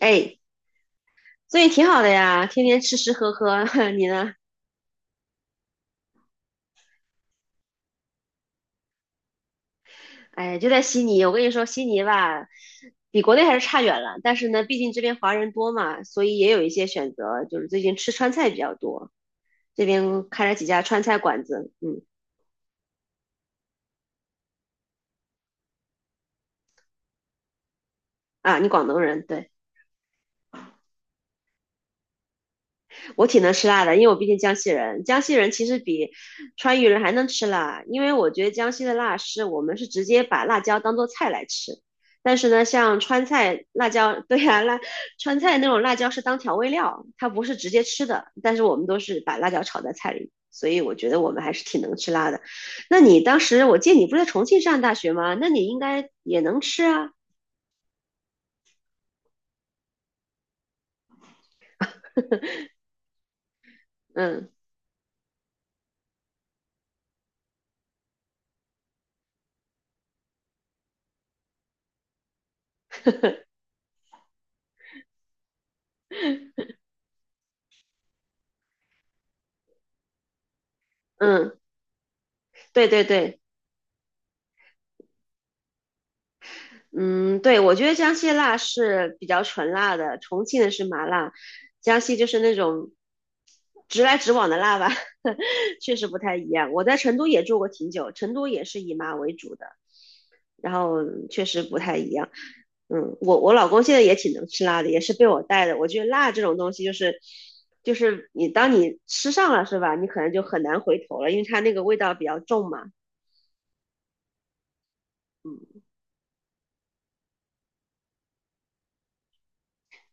哎，所以挺好的呀，天天吃吃喝喝。你呢？哎，就在悉尼，我跟你说，悉尼吧，比国内还是差远了。但是呢，毕竟这边华人多嘛，所以也有一些选择，就是最近吃川菜比较多。这边开了几家川菜馆子，嗯。啊，你广东人，对。我挺能吃辣的，因为我毕竟江西人。江西人其实比川渝人还能吃辣，因为我觉得江西的辣是我们是直接把辣椒当做菜来吃，但是呢，像川菜辣椒，对呀、辣川菜那种辣椒是当调味料，它不是直接吃的，但是我们都是把辣椒炒在菜里，所以我觉得我们还是挺能吃辣的。那你当时我记得你不是在重庆上大学吗？那你应该也能吃啊。嗯。 嗯，对对对。嗯，对，我觉得江西辣是比较纯辣的，重庆的是麻辣，江西就是那种直来直往的辣吧。确实不太一样。我在成都也住过挺久，成都也是以麻为主的，然后确实不太一样。嗯，我老公现在也挺能吃辣的，也是被我带的。我觉得辣这种东西就是，就是你当你吃上了是吧，你可能就很难回头了，因为它那个味道比较重嘛。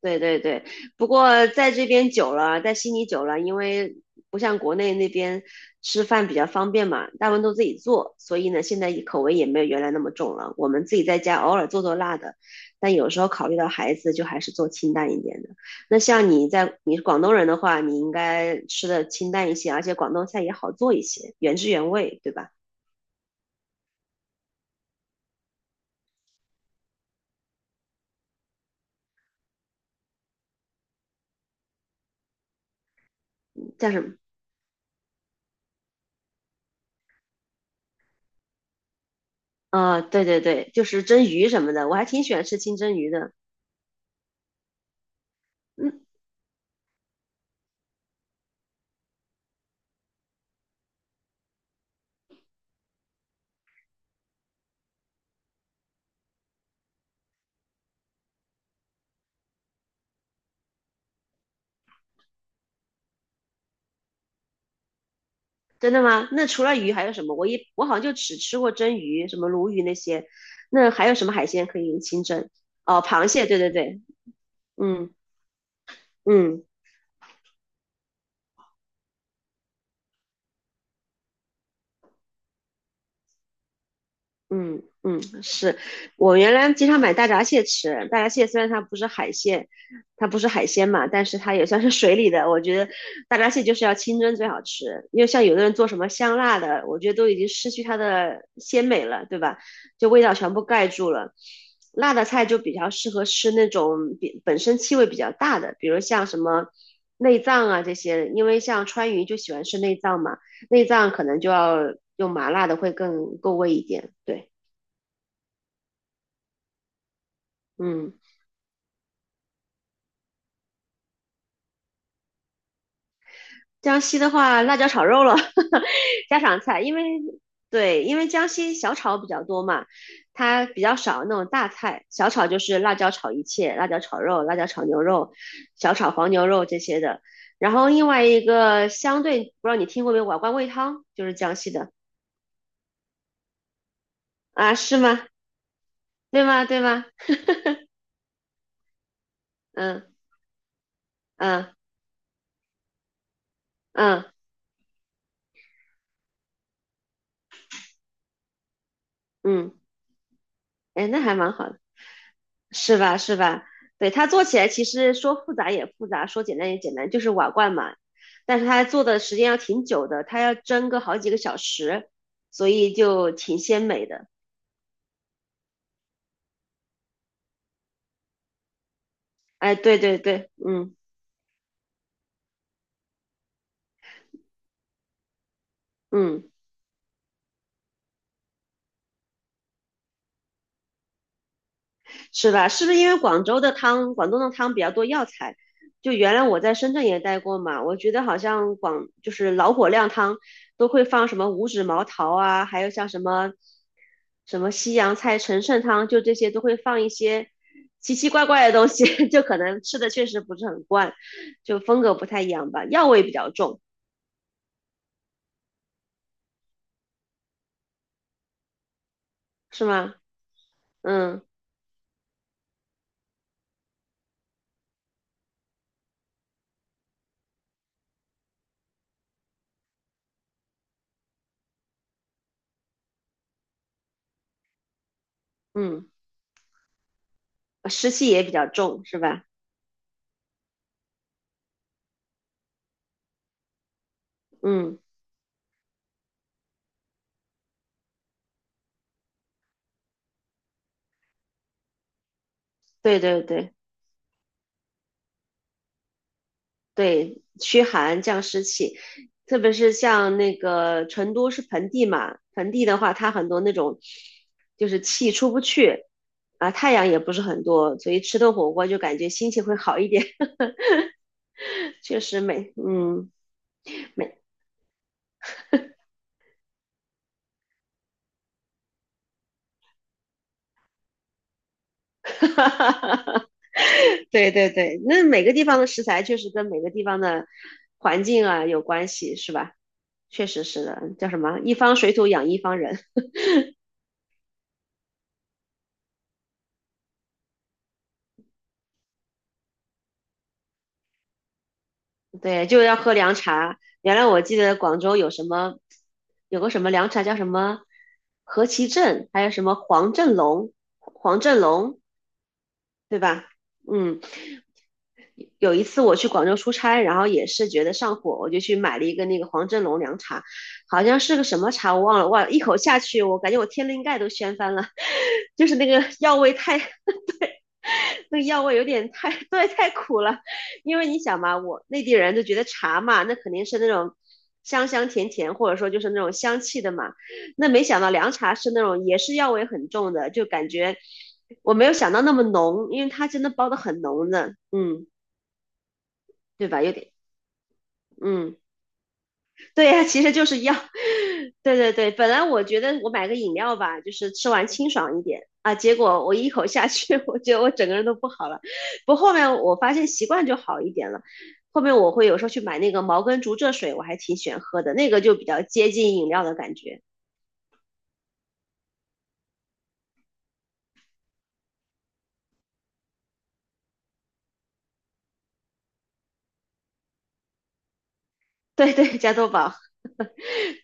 对对对，不过在这边久了，在悉尼久了，因为不像国内那边吃饭比较方便嘛，大部分都自己做，所以呢，现在口味也没有原来那么重了。我们自己在家偶尔做做辣的，但有时候考虑到孩子，就还是做清淡一点的。那像你在你是广东人的话，你应该吃的清淡一些，而且广东菜也好做一些，原汁原味，对吧？叫什么？啊、对对对，就是蒸鱼什么的，我还挺喜欢吃清蒸鱼的。嗯。真的吗？那除了鱼还有什么？我好像就只吃过蒸鱼，什么鲈鱼那些。那还有什么海鲜可以清蒸？哦，螃蟹，对对对。嗯嗯。嗯嗯，是我原来经常买大闸蟹吃。大闸蟹虽然它不是海鲜，它不是海鲜嘛，但是它也算是水里的。我觉得大闸蟹就是要清蒸最好吃，因为像有的人做什么香辣的，我觉得都已经失去它的鲜美了，对吧？就味道全部盖住了。辣的菜就比较适合吃那种比本身气味比较大的，比如像什么内脏啊这些，因为像川渝就喜欢吃内脏嘛，内脏可能就要用麻辣的会更够味一点，对。嗯，江西的话，辣椒炒肉了。家常菜。因为对，因为江西小炒比较多嘛，它比较少那种大菜。小炒就是辣椒炒一切，辣椒炒肉、辣椒炒牛肉、小炒黄牛肉这些的。然后另外一个相对，不知道你听过没有，瓦罐煨汤就是江西的。啊，是吗？对吗？对吗？嗯嗯嗯嗯。哎，那还蛮好的。是吧？是吧？对，它做起来其实说复杂也复杂，说简单也简单，就是瓦罐嘛。但是它做的时间要挺久的，它要蒸个好几个小时，所以就挺鲜美的。哎，对对对，嗯嗯。是吧？是不是因为广州的汤，广东的汤比较多药材？就原来我在深圳也待过嘛，我觉得好像广就是老火靓汤都会放什么五指毛桃啊，还有像什么什么西洋菜陈肾汤，就这些都会放一些奇奇怪怪的东西。就可能吃的确实不是很惯，就风格不太一样吧，药味比较重，是吗？嗯嗯，湿气也比较重，是吧？嗯，对对对。对，驱寒降湿气，特别是像那个成都是盆地嘛，盆地的话，它很多那种就是气出不去啊，太阳也不是很多，所以吃顿火锅就感觉心情会好一点。确实美，嗯，每，对对对，那每个地方的食材确实跟每个地方的环境啊有关系，是吧？确实是的，叫什么？一方水土养一方人。对，就要喝凉茶。原来我记得广州有什么，有个什么凉茶叫什么何其正，还有什么黄振龙，黄振龙，对吧？嗯，有一次我去广州出差，然后也是觉得上火，我就去买了一个那个黄振龙凉茶，好像是个什么茶我忘了，哇，一口下去，我感觉我天灵盖都掀翻了。就是那个药味太 那个药味有点太，对，太苦了。因为你想嘛，我内地人都觉得茶嘛，那肯定是那种香香甜甜，或者说就是那种香气的嘛。那没想到凉茶是那种也是药味很重的，就感觉我没有想到那么浓，因为它真的包的很浓的，嗯，对吧？有点，嗯。对呀，其实就是药。对对对，本来我觉得我买个饮料吧，就是吃完清爽一点啊，结果我一口下去。我觉得我整个人都不好了。不过后面我发现习惯就好一点了。后面我会有时候去买那个茅根竹蔗水，我还挺喜欢喝的，那个就比较接近饮料的感觉。对 对，加多宝，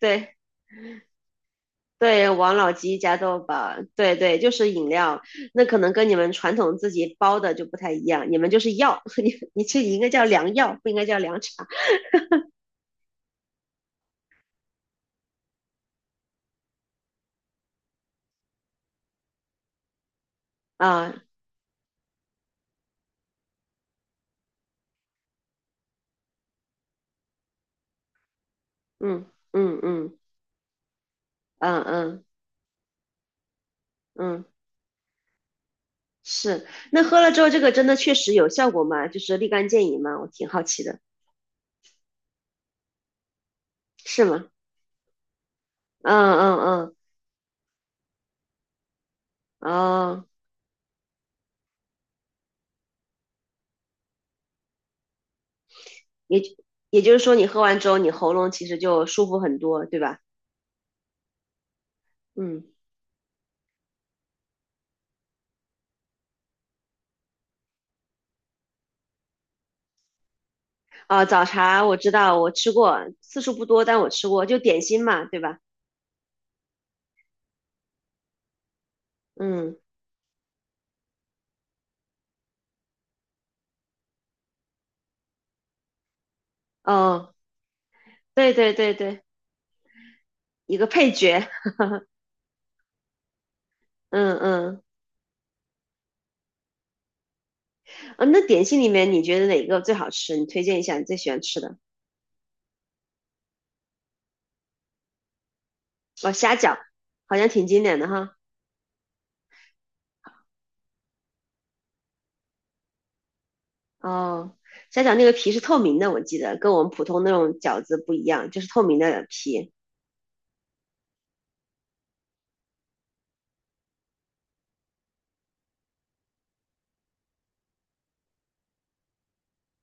对对，王老吉加多宝，对对，就是饮料。那可能跟你们传统自己包的就不太一样，你们就是药。你这应该叫凉药，不应该叫凉茶啊、嗯嗯嗯嗯嗯嗯，是。那喝了之后，这个真的确实有效果吗？就是立竿见影吗？我挺好奇的，是吗？嗯嗯嗯，哦，也也就是说，你喝完之后，你喉咙其实就舒服很多，对吧？嗯，啊，早茶我知道，我吃过，次数不多，但我吃过，就点心嘛，对吧？嗯，哦，对对对对，一个配角。嗯嗯，啊，那点心里面你觉得哪个最好吃？你推荐一下你最喜欢吃的。哦，虾饺好像挺经典的哈。哦，虾饺那个皮是透明的，我记得跟我们普通那种饺子不一样，就是透明的皮，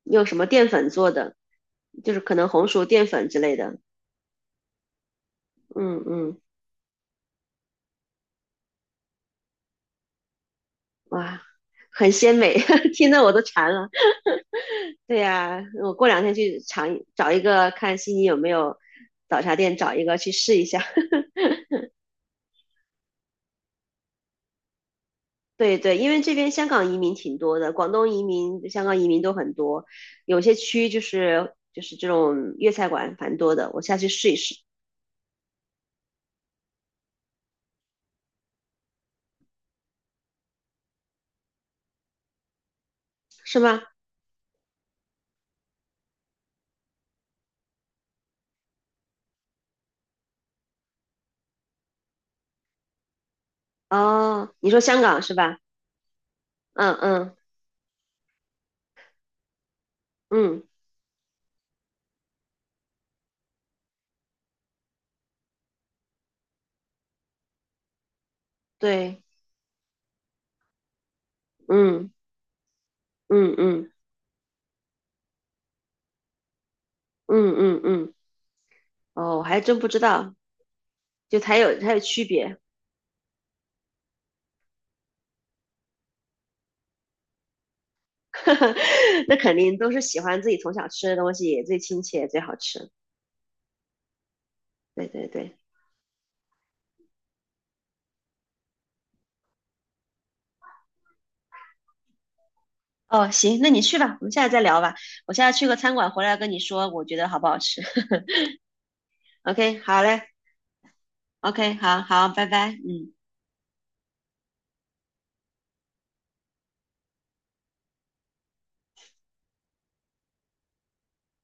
用什么淀粉做的，就是可能红薯淀粉之类的。嗯嗯，哇，很鲜美。听得我都馋了。对呀、我过两天去尝一，找一个看悉尼有没有早茶店，找一个去试一下。对对，因为这边香港移民挺多的，广东移民、香港移民都很多，有些区就是这种粤菜馆蛮多的，我下去试一试，是吗？哦，你说香港是吧？嗯嗯嗯，对，嗯嗯嗯嗯嗯嗯，哦，我还真不知道，就才有区别。那肯定都是喜欢自己从小吃的东西最亲切最好吃，对对对。哦，行，那你去吧，我们下次再聊吧。我现在去个餐馆回来跟你说，我觉得好不好吃。OK，好嘞，OK，好好，拜拜，嗯。